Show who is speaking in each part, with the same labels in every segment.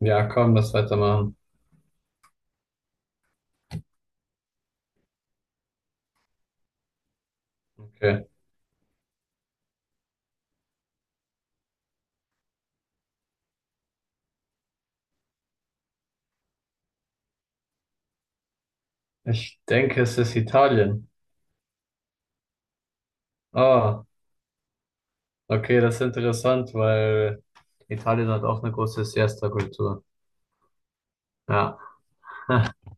Speaker 1: Ja, komm, lass weitermachen. Okay. Ich denke, es ist Italien. Ah, okay, das ist interessant, weil Italien hat auch eine große Siesta-Kultur. Ja,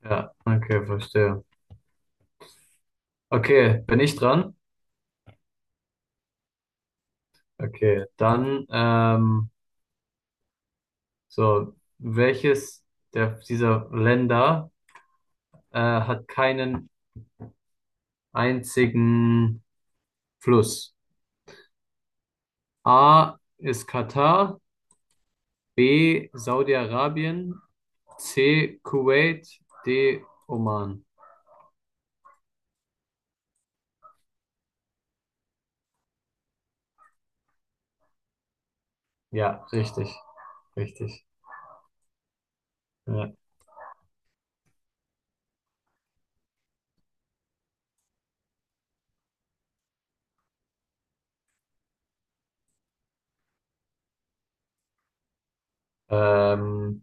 Speaker 1: ja, okay, verstehe. Okay, bin ich dran? Okay, dann, so, welches dieser Länder hat keinen einzigen Fluss? A ist Katar, B Saudi-Arabien, C. Kuwait, D. Oman. Ja, richtig, richtig. Ja. Ähm,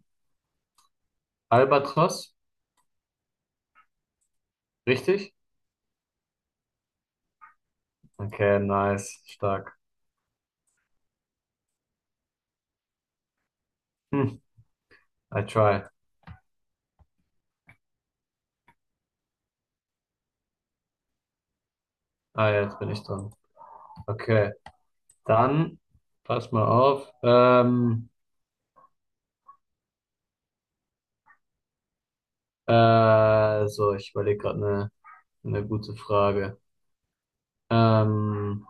Speaker 1: Albatros, richtig? Okay, nice, stark. Hm, I try. Ah, jetzt bin ich dran. Okay, dann pass mal auf. So, ich überlege gerade eine gute Frage. Ähm,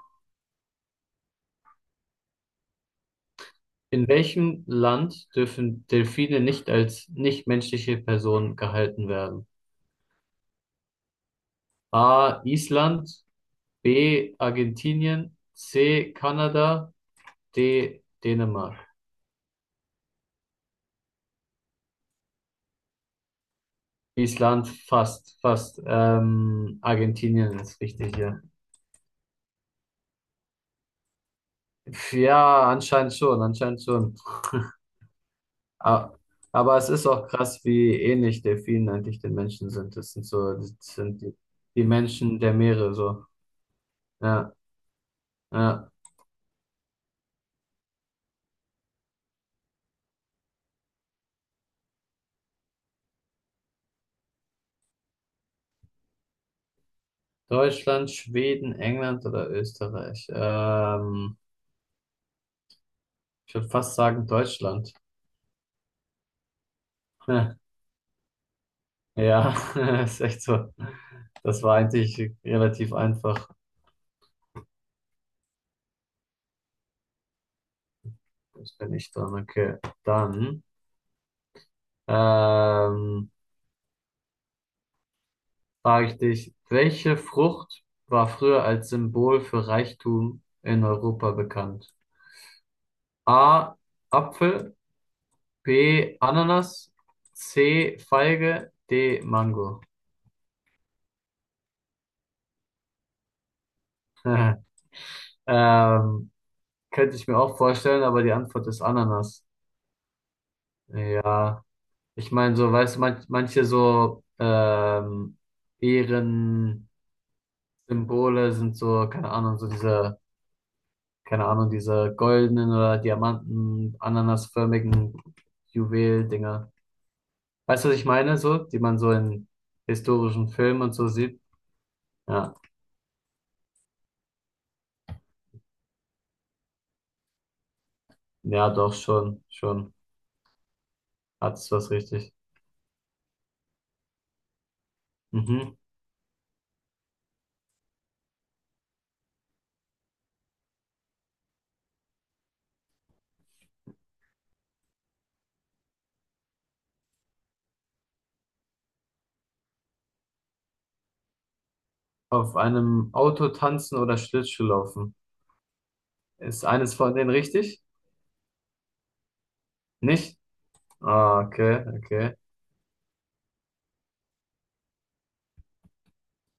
Speaker 1: in welchem Land dürfen Delfine nicht als nichtmenschliche Personen gehalten werden? A. Island, B. Argentinien, C. Kanada, D. Dänemark. Island fast, fast. Argentinien ist richtig hier. Ja, anscheinend schon, anscheinend schon. A- Aber es ist auch krass, wie ähnlich Delfinen eigentlich den Menschen sind. Das sind die, die Menschen der Meere so. Ja, ja. Deutschland, Schweden, England oder Österreich? Ich würde fast sagen Deutschland. Ja, ist echt so. Das war eigentlich relativ einfach. Das bin ich dran. Okay, dann ähm, frage ich dich, welche Frucht war früher als Symbol für Reichtum in Europa bekannt? A. Apfel, B. Ananas, C. Feige, D. Mango. Ähm, könnte ich mir auch vorstellen, aber die Antwort ist Ananas. Ja. Ich meine, so, weißt du, manche so Ehrensymbole sind so, keine Ahnung, so diese, keine Ahnung, diese goldenen oder Diamanten, ananasförmigen Juwel-Dinger. Weißt du, was ich meine, so, die man so in historischen Filmen und so sieht? Ja, ja, doch, schon, schon. Hat's was richtig. Mhm. Auf einem Auto tanzen oder Schlittschuh laufen. Ist eines von denen richtig? Nicht? Ah, okay, okay.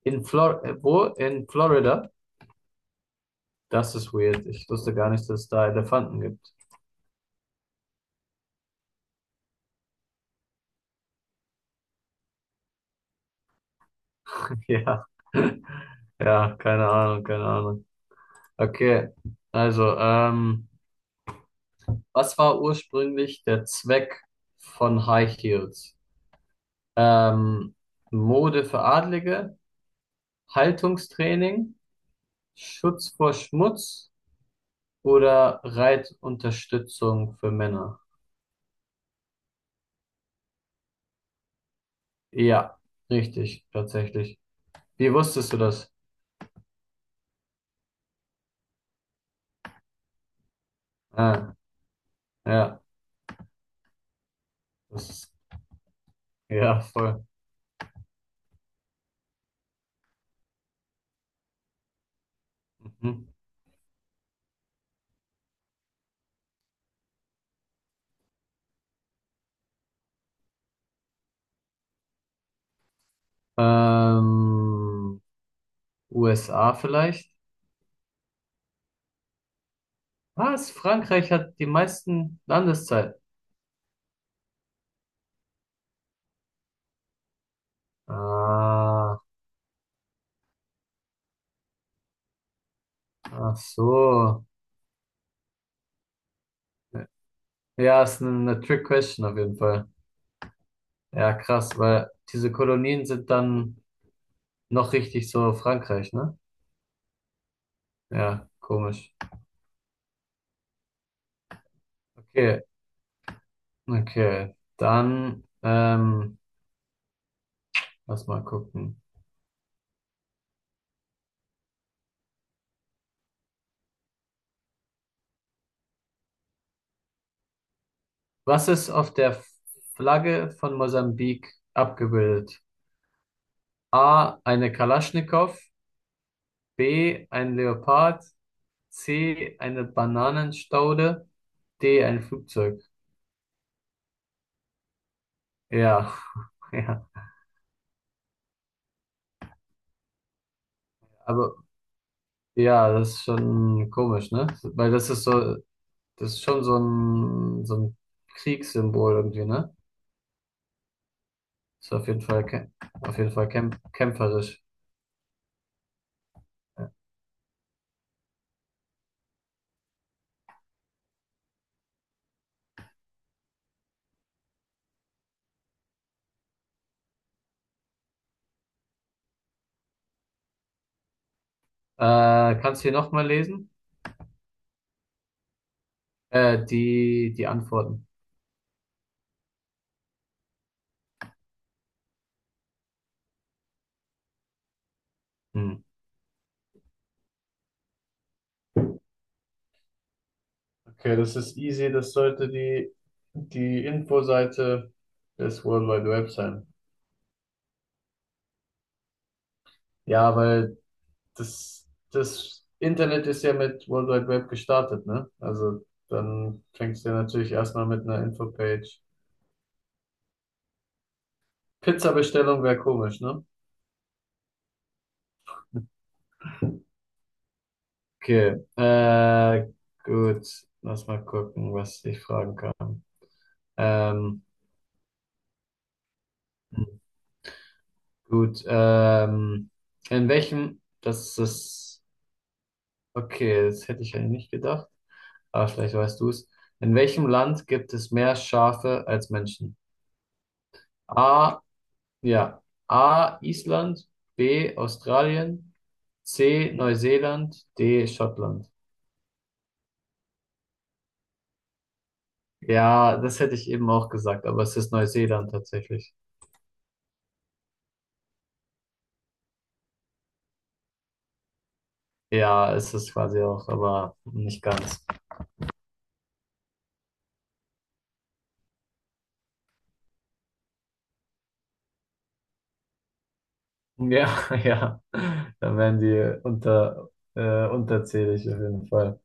Speaker 1: In Flor wo? In Florida? Das ist weird. Ich wusste gar nicht, dass es da Elefanten gibt. Ja. Ja, keine Ahnung, keine Ahnung. Okay. Also, was war ursprünglich der Zweck von High Heels? Ähm, Mode für Adlige, Haltungstraining, Schutz vor Schmutz oder Reitunterstützung für Männer? Ja, richtig, tatsächlich. Wie wusstest du das? Ah, ja, das ist Ja, voll. Mhm. Ähm, USA vielleicht? Was? Frankreich hat die meisten Landeszeiten. Ah, ach so. Ja, ist eine Trick Question auf jeden Fall. Ja, krass, weil diese Kolonien sind dann noch richtig so Frankreich, ne? Ja, komisch. Okay, okay. Dann, lass mal gucken. Was ist auf der Flagge von Mosambik abgebildet? A, eine Kalaschnikow, B, ein Leopard, C, eine Bananenstaude, D, ein Flugzeug. Ja, ja, aber ja, das ist schon komisch, ne? Weil das ist schon so so ein Kriegssymbol irgendwie, ne? Ist auf jeden Fall, kä- auf jeden Fall kämpferisch. Kannst du hier nochmal lesen? Die Antworten. Hm. Okay, das ist easy. Die Infoseite des World Wide Web sein. Ja, weil das Internet ist ja mit World Wide Web gestartet, ne? Also dann fängst du ja natürlich erstmal mit einer Infopage. Pizza-Bestellung wäre komisch, ne? Okay, gut. Lass mal gucken, was ich fragen kann. Ähm, gut, in welchem, das ist, okay, das hätte ich eigentlich nicht gedacht. Ah, vielleicht weißt du es. In welchem Land gibt es mehr Schafe als Menschen? A, ja. A, Island, B, Australien, C, Neuseeland, D, Schottland. Ja, das hätte ich eben auch gesagt, aber es ist Neuseeland tatsächlich. Ja, es ist quasi auch, aber nicht ganz. Ja, ja. Dann werden die unterzählig auf jeden Fall.